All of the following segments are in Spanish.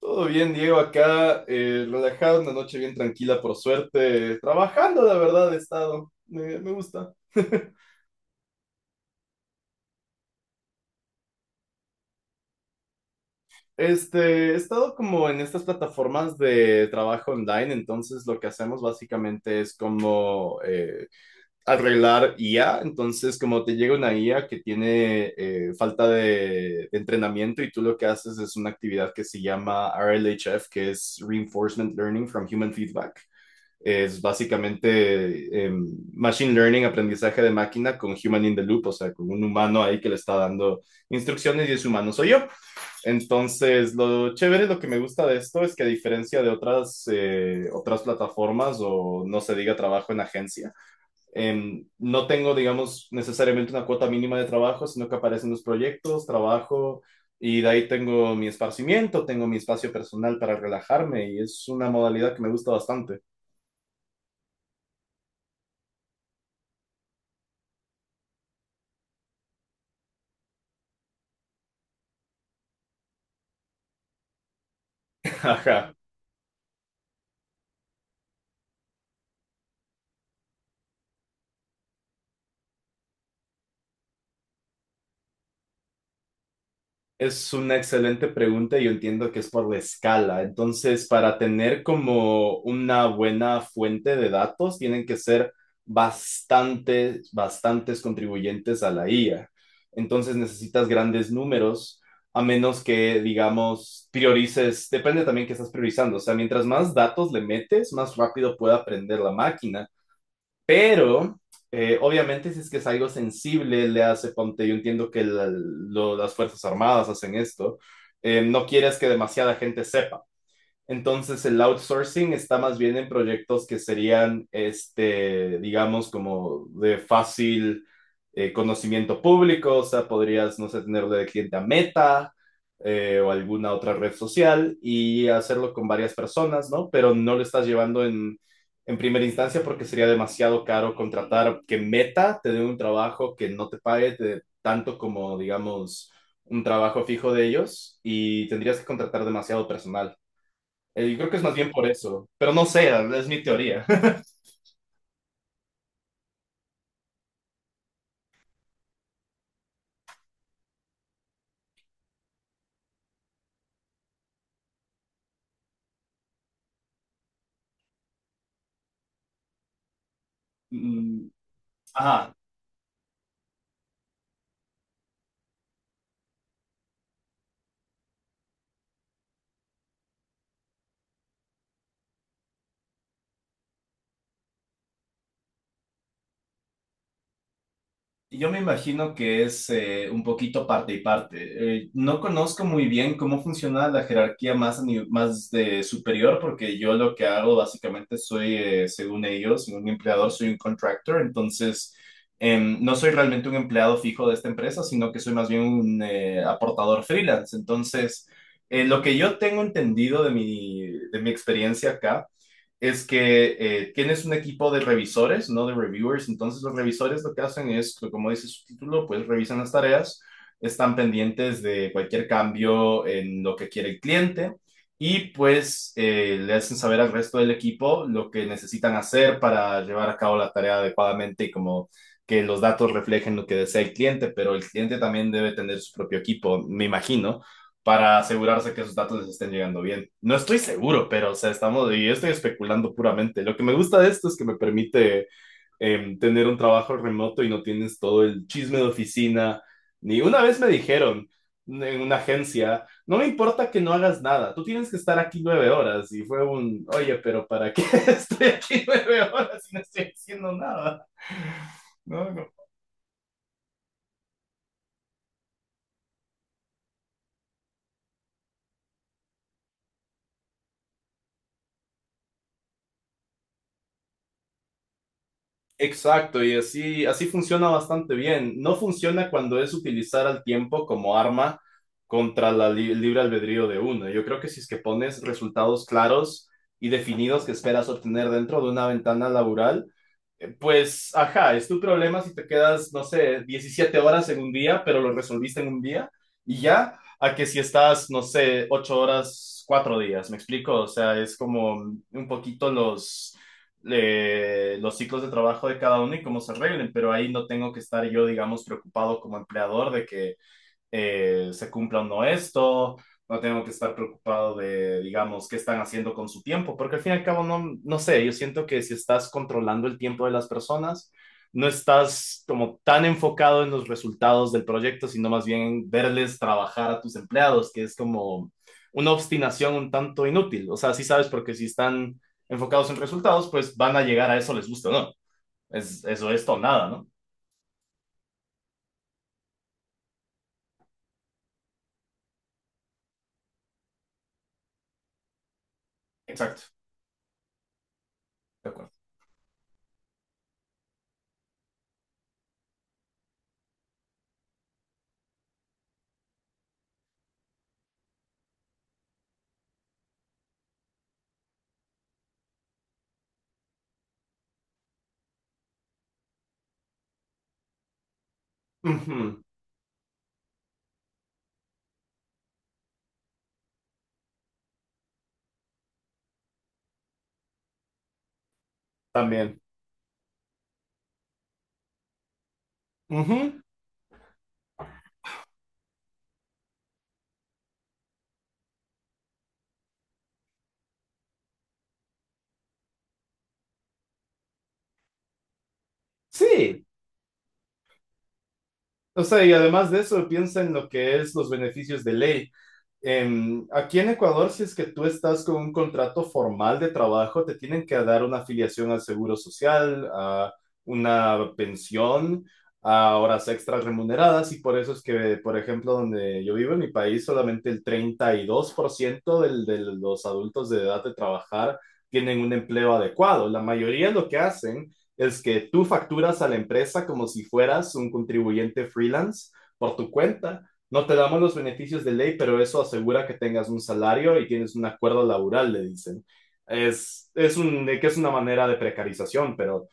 Todo bien, Diego, acá, relajado, una noche bien tranquila, por suerte, trabajando, la verdad, he estado, me gusta. Este, he estado como en estas plataformas de trabajo online, entonces lo que hacemos básicamente es como arreglar IA. Entonces, como te llega una IA que tiene falta de entrenamiento y tú lo que haces es una actividad que se llama RLHF, que es Reinforcement Learning from Human Feedback. Es básicamente machine learning, aprendizaje de máquina con human in the loop, o sea, con un humano ahí que le está dando instrucciones, y ese humano soy yo. Entonces, lo chévere, lo que me gusta de esto es que a diferencia de otras, otras plataformas o no se diga trabajo en agencia, no tengo, digamos, necesariamente una cuota mínima de trabajo, sino que aparecen los proyectos, trabajo. Y de ahí tengo mi esparcimiento, tengo mi espacio personal para relajarme, y es una modalidad que me gusta bastante. Ajá. Es una excelente pregunta y yo entiendo que es por la escala. Entonces, para tener como una buena fuente de datos, tienen que ser bastantes, bastantes contribuyentes a la IA. Entonces, necesitas grandes números, a menos que, digamos, priorices, depende también que estás priorizando. O sea, mientras más datos le metes, más rápido puede aprender la máquina. Pero, obviamente, si es que es algo sensible, le hace, ponte, yo entiendo que las Fuerzas Armadas hacen esto, no quieres que demasiada gente sepa. Entonces el outsourcing está más bien en proyectos que serían, este, digamos, como de fácil conocimiento público. O sea, podrías, no sé, tenerlo de cliente a Meta, o alguna otra red social, y hacerlo con varias personas, ¿no? Pero no lo estás llevando en primera instancia porque sería demasiado caro contratar que Meta te dé un trabajo que no te pague tanto como, digamos, un trabajo fijo de ellos, y tendrías que contratar demasiado personal. Yo creo que es más bien por eso, pero no sé, es mi teoría. Mm, ajá, yo me imagino que es un poquito parte y parte. No conozco muy bien cómo funciona la jerarquía más, más de superior, porque yo lo que hago básicamente soy, según ellos, un empleador, soy un contractor. Entonces, no soy realmente un empleado fijo de esta empresa, sino que soy más bien un aportador freelance. Entonces, lo que yo tengo entendido de mi experiencia acá, es que tienes un equipo de revisores, no de reviewers. Entonces, los revisores lo que hacen es, como dice su título, pues revisan las tareas, están pendientes de cualquier cambio en lo que quiere el cliente, y pues le hacen saber al resto del equipo lo que necesitan hacer para llevar a cabo la tarea adecuadamente, y como que los datos reflejen lo que desea el cliente. Pero el cliente también debe tener su propio equipo, me imagino, para asegurarse que esos datos les estén llegando bien. No estoy seguro, pero o sea, estamos, y yo estoy especulando puramente. Lo que me gusta de esto es que me permite tener un trabajo remoto y no tienes todo el chisme de oficina. Ni una vez me dijeron en una agencia, no me importa que no hagas nada, tú tienes que estar aquí 9 horas. Y fue un, oye, ¿pero para qué estoy aquí 9 horas y no estoy haciendo nada? No, no. Exacto, y así, así funciona bastante bien. No funciona cuando es utilizar al tiempo como arma contra la libre albedrío de uno. Yo creo que si es que pones resultados claros y definidos que esperas obtener dentro de una ventana laboral, pues, ajá, es tu problema si te quedas, no sé, 17 horas en un día, pero lo resolviste en un día y ya, a que si estás, no sé, 8 horas, 4 días, ¿me explico? O sea, es como un poquito los ciclos de trabajo de cada uno y cómo se arreglen. Pero ahí no tengo que estar yo, digamos, preocupado como empleador de que se cumpla o no esto, no tengo que estar preocupado de, digamos, qué están haciendo con su tiempo, porque al fin y al cabo, no, no sé, yo siento que si estás controlando el tiempo de las personas, no estás como tan enfocado en los resultados del proyecto, sino más bien en verles trabajar a tus empleados, que es como una obstinación un tanto inútil. O sea, sí sabes porque si están enfocados en resultados, pues van a llegar a eso, les gusta o no. Es, eso es todo, nada, ¿no? Exacto, de acuerdo. Ujú. También. Ujú. Sí, o sea, y además de eso, piensa en lo que es los beneficios de ley. Aquí en Ecuador, si es que tú estás con un contrato formal de trabajo, te tienen que dar una afiliación al seguro social, a una pensión, a horas extras remuneradas, y por eso es que, por ejemplo, donde yo vivo en mi país, solamente el 32% de los adultos de edad de trabajar tienen un empleo adecuado. La mayoría lo que hacen es que tú facturas a la empresa como si fueras un contribuyente freelance por tu cuenta, no te damos los beneficios de ley, pero eso asegura que tengas un salario y tienes un acuerdo laboral, le dicen. Es un, que es una manera de precarización, pero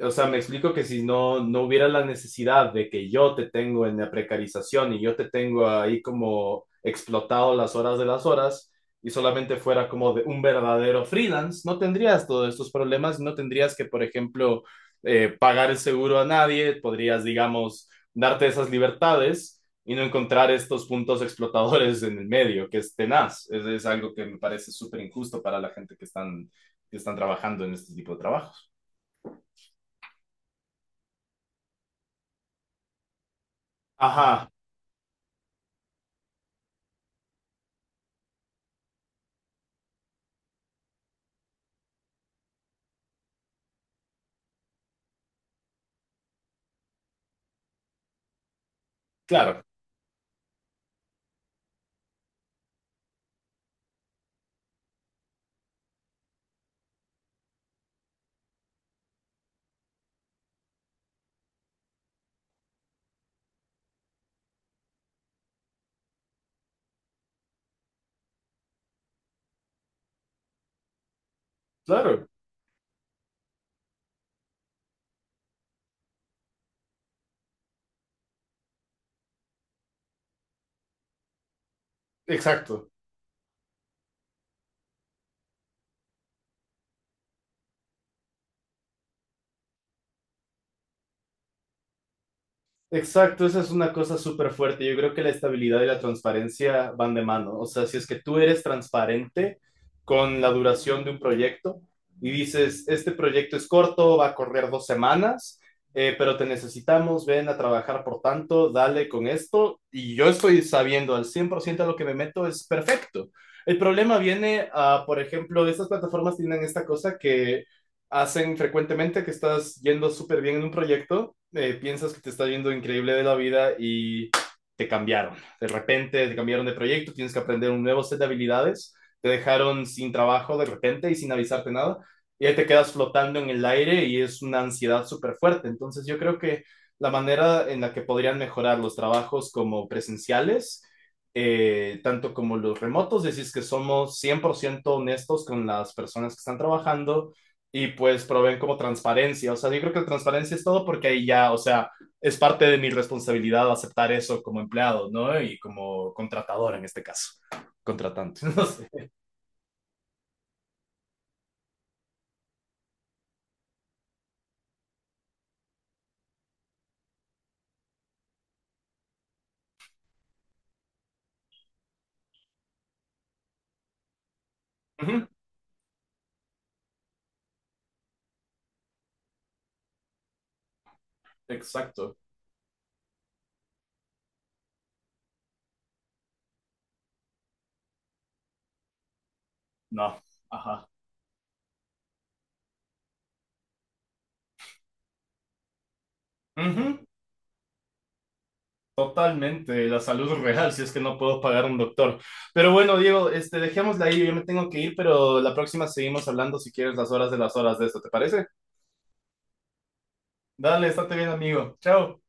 o sea, me explico que si no, no hubiera la necesidad de que yo te tengo en la precarización y yo te tengo ahí como explotado las horas de las horas, y solamente fuera como de un verdadero freelance, no tendrías todos estos problemas, no tendrías que, por ejemplo, pagar el seguro a nadie, podrías, digamos, darte esas libertades y no encontrar estos puntos explotadores en el medio, que es tenaz. Es algo que me parece súper injusto para la gente que están trabajando en este tipo de trabajos. Ajá. Claro, claro, exacto. Exacto, esa es una cosa súper fuerte. Yo creo que la estabilidad y la transparencia van de mano. O sea, si es que tú eres transparente con la duración de un proyecto y dices, este proyecto es corto, va a correr 2 semanas, pero te necesitamos, ven a trabajar por tanto, dale con esto, y yo estoy sabiendo al 100% a lo que me meto, es perfecto. El problema viene a, por ejemplo, estas plataformas tienen esta cosa que hacen frecuentemente, que estás yendo súper bien en un proyecto, piensas que te está yendo increíble de la vida, y te cambiaron. De repente te cambiaron de proyecto, tienes que aprender un nuevo set de habilidades, te dejaron sin trabajo de repente y sin avisarte nada, y ahí te quedas flotando en el aire, y es una ansiedad súper fuerte. Entonces yo creo que la manera en la que podrían mejorar los trabajos como presenciales, tanto como los remotos, decís que somos 100% honestos con las personas que están trabajando, y pues proveen como transparencia. O sea, yo creo que la transparencia es todo, porque ahí ya, o sea, es parte de mi responsabilidad aceptar eso como empleado, ¿no? Y como contratador en este caso, contratante, no sé. Ujú. Exacto, no, ajá. Ujú. Totalmente, la salud real, si es que no puedo pagar un doctor. Pero bueno, Diego, este, dejémosla ahí, yo me tengo que ir, pero la próxima seguimos hablando si quieres las horas de esto, ¿te parece? Dale, estate bien, amigo. Chao.